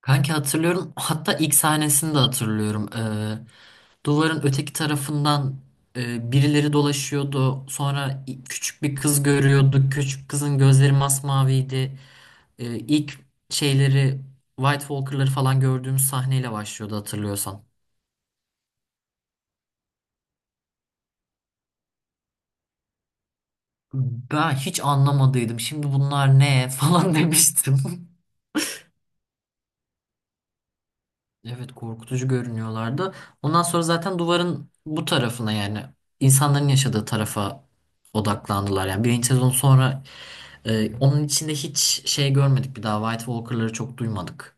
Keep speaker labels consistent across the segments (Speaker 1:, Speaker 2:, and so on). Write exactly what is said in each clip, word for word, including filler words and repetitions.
Speaker 1: Kanki hatırlıyorum. Hatta ilk sahnesini de hatırlıyorum. Ee, duvarın öteki tarafından e, birileri dolaşıyordu. Sonra i- küçük bir kız görüyorduk. Küçük kızın gözleri masmaviydi. Ee, ilk şeyleri White Walker'ları falan gördüğümüz sahneyle başlıyordu hatırlıyorsan. Ben hiç anlamadıydım. Şimdi bunlar ne falan demiştim. Evet, korkutucu görünüyorlardı. Ondan sonra zaten duvarın bu tarafına, yani insanların yaşadığı tarafa odaklandılar. Yani birinci sezon sonra e, onun içinde hiç şey görmedik, bir daha White Walker'ları çok duymadık.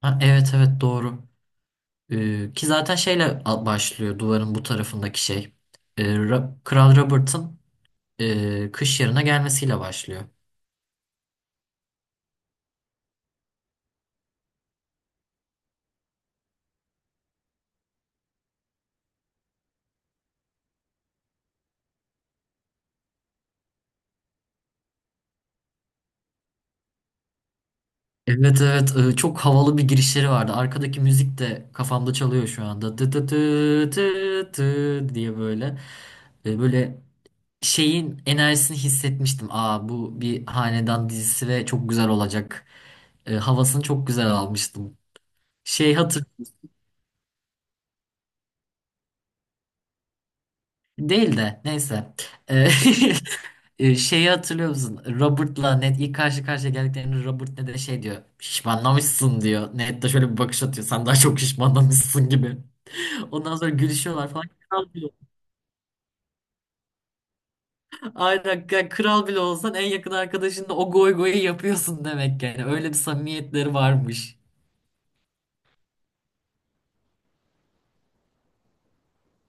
Speaker 1: Ha, evet evet, doğru. E, ki zaten şeyle a- başlıyor duvarın bu tarafındaki şey. E, Ra- Kral Robert'ın e, Kış Yarı'na gelmesiyle başlıyor. Evet evet, e, çok havalı bir girişleri vardı. Arkadaki müzik de kafamda çalıyor şu anda. Tı tı tı tı tı diye böyle. E, Böyle şeyin enerjisini hissetmiştim. Aa, bu bir hanedan dizisi ve çok güzel olacak. E, Havasını çok güzel almıştım. Şey hatır değil de neyse. E, e, şeyi hatırlıyor musun? Robert'la Ned ilk karşı karşıya geldiklerinde Robert Ned'e şey diyor. Şişmanlamışsın diyor. Ned de şöyle bir bakış atıyor. Sen daha çok şişmanlamışsın gibi. Ondan sonra gülüşüyorlar falan. Kral bile. Aynen, yani kral bile olsan en yakın arkadaşınla o goy goyu yapıyorsun demek yani. Öyle bir samimiyetleri varmış.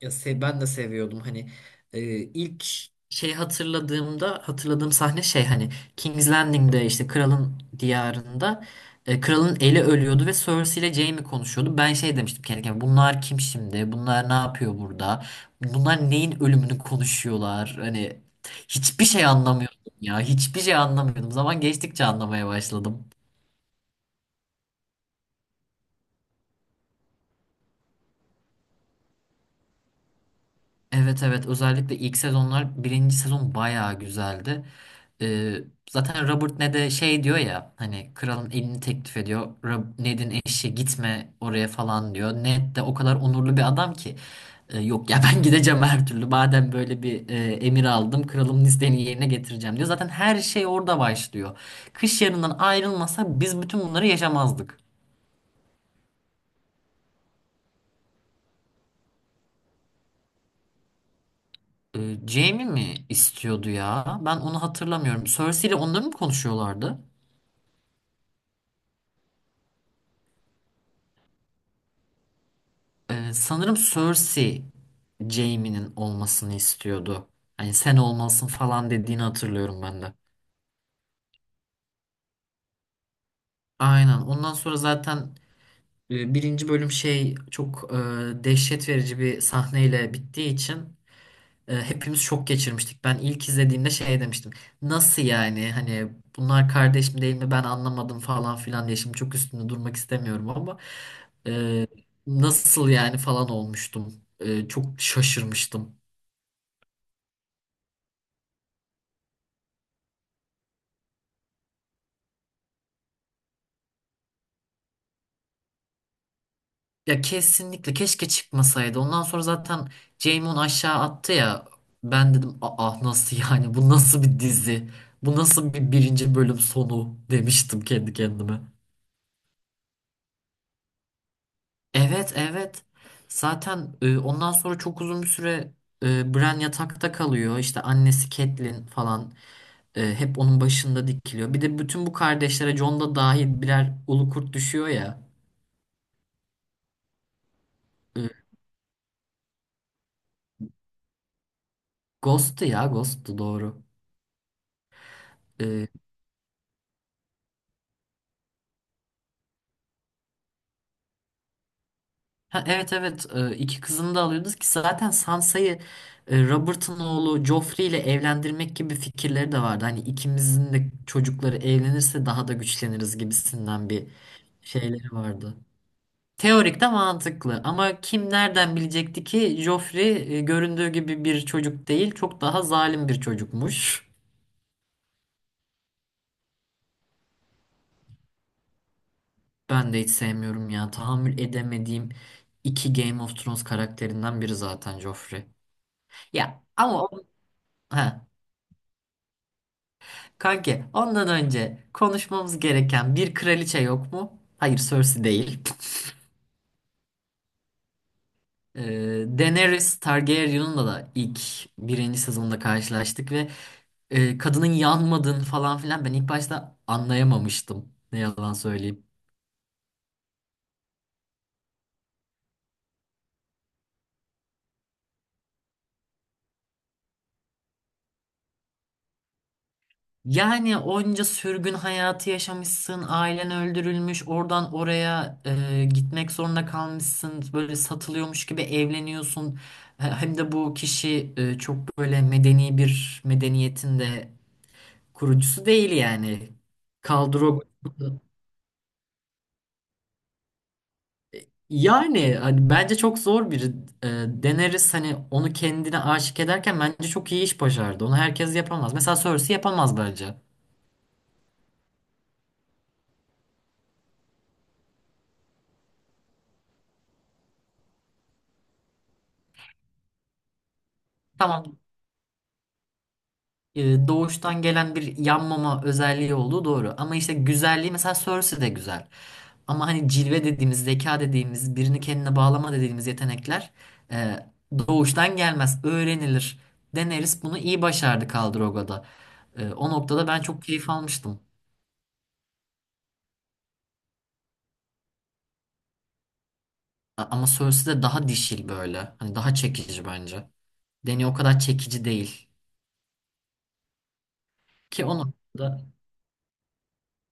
Speaker 1: Ya se- ben de seviyordum hani, e, ilk şey hatırladığımda hatırladığım sahne şey hani King's Landing'de, işte kralın diyarında, e, kralın eli ölüyordu ve Cersei ile Jaime konuşuyordu. Ben şey demiştim kendi kendime, bunlar kim şimdi? Bunlar ne yapıyor burada? Bunlar neyin ölümünü konuşuyorlar? Hani hiçbir şey anlamıyordum ya. Hiçbir şey anlamıyordum. Zaman geçtikçe anlamaya başladım. Evet evet, özellikle ilk sezonlar, birinci sezon bayağı güzeldi. Ee, Zaten Robert ne de şey diyor ya, hani kralın elini teklif ediyor. Rob- Ned'in eşi gitme oraya falan diyor. Ned de o kadar onurlu bir adam ki, "E, yok ya, ben gideceğim her türlü. Madem böyle bir e, emir aldım, kralımın isteğini yerine getireceğim" diyor. Zaten her şey orada başlıyor. Kış Yarı'ndan ayrılmasa biz bütün bunları yaşamazdık. Ee, Jaime mi istiyordu ya? Ben onu hatırlamıyorum. Cersei ile onları mı konuşuyorlardı? Ee, sanırım Cersei, Jaime'nin olmasını istiyordu. Hani sen olmalısın falan dediğini hatırlıyorum ben de. Aynen. Ondan sonra zaten e, birinci bölüm şey çok e, dehşet verici bir sahneyle bittiği için e, hepimiz şok geçirmiştik. Ben ilk izlediğimde şey demiştim. Nasıl yani? Hani bunlar kardeş mi değil mi? Ben anlamadım falan filan diye. Şimdi çok üstünde durmak istemiyorum ama e, nasıl yani falan olmuştum. E, çok şaşırmıştım. Ya kesinlikle keşke çıkmasaydı. Ondan sonra zaten Jaimon aşağı attı ya. Ben dedim, ah nasıl yani, bu nasıl bir dizi? Bu nasıl bir birinci bölüm sonu, demiştim kendi kendime. Evet evet. Zaten e, ondan sonra çok uzun bir süre e, Bran yatakta kalıyor. İşte annesi Catelyn falan e, hep onun başında dikiliyor. Bir de bütün bu kardeşlere Jon da dahil birer ulu kurt düşüyor ya. E, Ghost'tu ya, Ghost'tu, doğru. E, Ha, evet evet. Ee, iki kızını da alıyordu, ki zaten Sansa'yı e, Robert'ın oğlu Joffrey ile evlendirmek gibi fikirleri de vardı. Hani ikimizin de çocukları evlenirse daha da güçleniriz gibisinden bir şeyleri vardı. Teorik de mantıklı ama kim nereden bilecekti ki Joffrey e, göründüğü gibi bir çocuk değil, çok daha zalim bir çocukmuş. Ben de hiç sevmiyorum ya, tahammül edemediğim iki Game of Thrones karakterinden biri zaten Joffrey. Ya ama o... He. Kanki ondan önce konuşmamız gereken bir kraliçe yok mu? Hayır, Cersei değil. Ee, Daenerys Targaryen'la da ilk birinci sezonda karşılaştık ve e, kadının yanmadığını falan filan ben ilk başta anlayamamıştım. Ne yalan söyleyeyim. Yani onca sürgün hayatı yaşamışsın, ailen öldürülmüş, oradan oraya e, gitmek zorunda kalmışsın, böyle satılıyormuş gibi evleniyorsun. E, Hem de bu kişi e, çok böyle medeni bir medeniyetin de kurucusu değil yani. Kaldırog, yani hani bence çok zor bir e, deneriz, hani onu kendine aşık ederken bence çok iyi iş başardı. Onu herkes yapamaz. Mesela Cersei yapamaz bence. Tamam, e, doğuştan gelen bir yanmama özelliği olduğu doğru. Ama işte güzelliği, mesela Cersei de güzel. Ama hani cilve dediğimiz, zeka dediğimiz, birini kendine bağlama dediğimiz yetenekler e, doğuştan gelmez, öğrenilir. Daenerys bunu iyi başardı. Khal E, o noktada ben çok keyif almıştım. A- Ama Cersei de daha dişil böyle. Hani daha çekici bence. Dany o kadar çekici değil. Ki o noktada,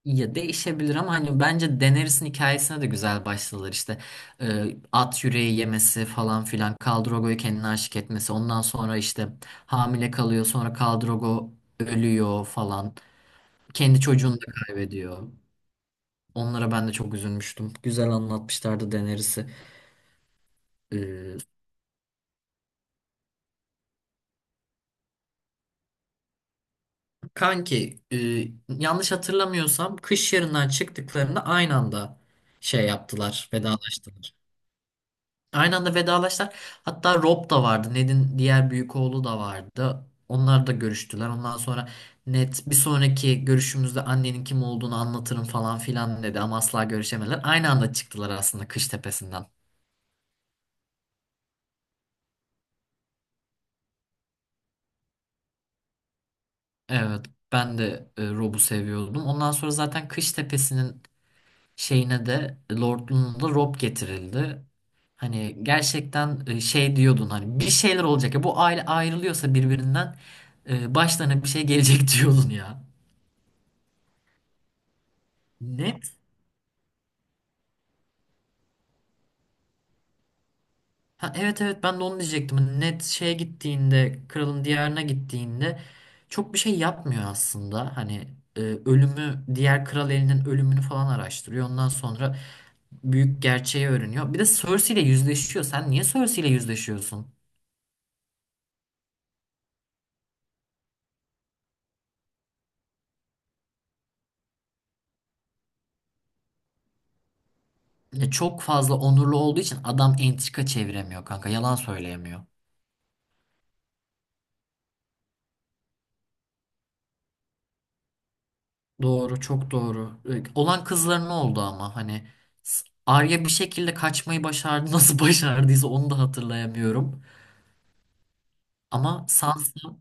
Speaker 1: ya değişebilir ama hani bence Daenerys'in hikayesine de güzel başladılar işte. Ee, at yüreği yemesi falan filan, Khal Drogo'yu kendine aşık etmesi, ondan sonra işte hamile kalıyor, sonra Khal Drogo ölüyor falan, kendi çocuğunu da kaybediyor. Onlara ben de çok üzülmüştüm, güzel anlatmışlardı Daenerys'i. Ee, kanki e, yanlış hatırlamıyorsam Kış Yarı'ndan çıktıklarında aynı anda şey yaptılar, vedalaştılar. Aynı anda vedalaştılar. Hatta Rob da vardı. Ned'in diğer büyük oğlu da vardı. Onlar da görüştüler. Ondan sonra Ned, bir sonraki görüşümüzde annenin kim olduğunu anlatırım falan filan dedi ama asla görüşemediler. Aynı anda çıktılar aslında Kış Tepesi'nden. Evet, ben de e, Rob'u seviyordum. Ondan sonra zaten Kış Tepesi'nin şeyine de, Lord'luğuna da Rob getirildi. Hani gerçekten e, şey diyordun hani, bir şeyler olacak ya bu aile ayrılıyorsa birbirinden, e, başlarına bir şey gelecek diyordun ya. Net. Ha, evet evet, ben de onu diyecektim. Hani Net şeye gittiğinde, kralın diyarına gittiğinde çok bir şey yapmıyor aslında. Hani e, ölümü, diğer kral elinin ölümünü falan araştırıyor. Ondan sonra büyük gerçeği öğreniyor. Bir de Cersei ile yüzleşiyor. Sen niye Cersei ile yüzleşiyorsun? Ya çok fazla onurlu olduğu için adam entrika çeviremiyor kanka. Yalan söyleyemiyor. Doğru, çok doğru. Ee, olan kızların oldu ama hani s- Arya bir şekilde kaçmayı başardı. Nasıl başardıysa onu da hatırlayamıyorum. Ama Sansa,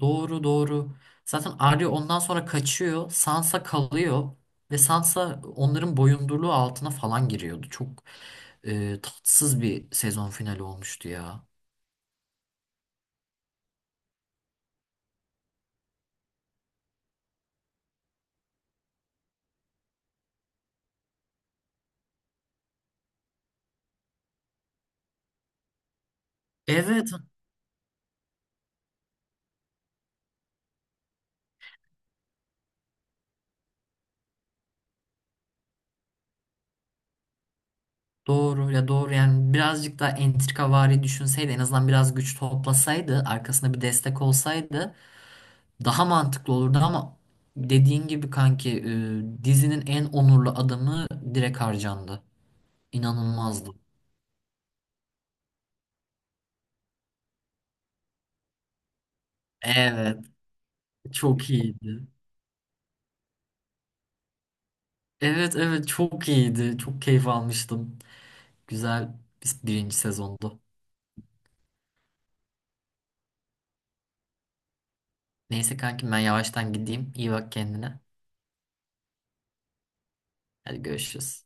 Speaker 1: doğru doğru. Zaten Arya ondan sonra kaçıyor. Sansa kalıyor ve Sansa onların boyundurluğu altına falan giriyordu. Çok e, tatsız bir sezon finali olmuştu ya. Evet, doğru ya, doğru. Yani birazcık daha entrikavari düşünseydi, en azından biraz güç toplasaydı, arkasında bir destek olsaydı daha mantıklı olurdu ama dediğin gibi kanki, e, dizinin en onurlu adamı direkt harcandı. İnanılmazdı. Evet, çok iyiydi. Evet evet, çok iyiydi. Çok keyif almıştım. Güzel bir birinci sezondu. Neyse kankim, ben yavaştan gideyim. İyi bak kendine. Hadi görüşürüz.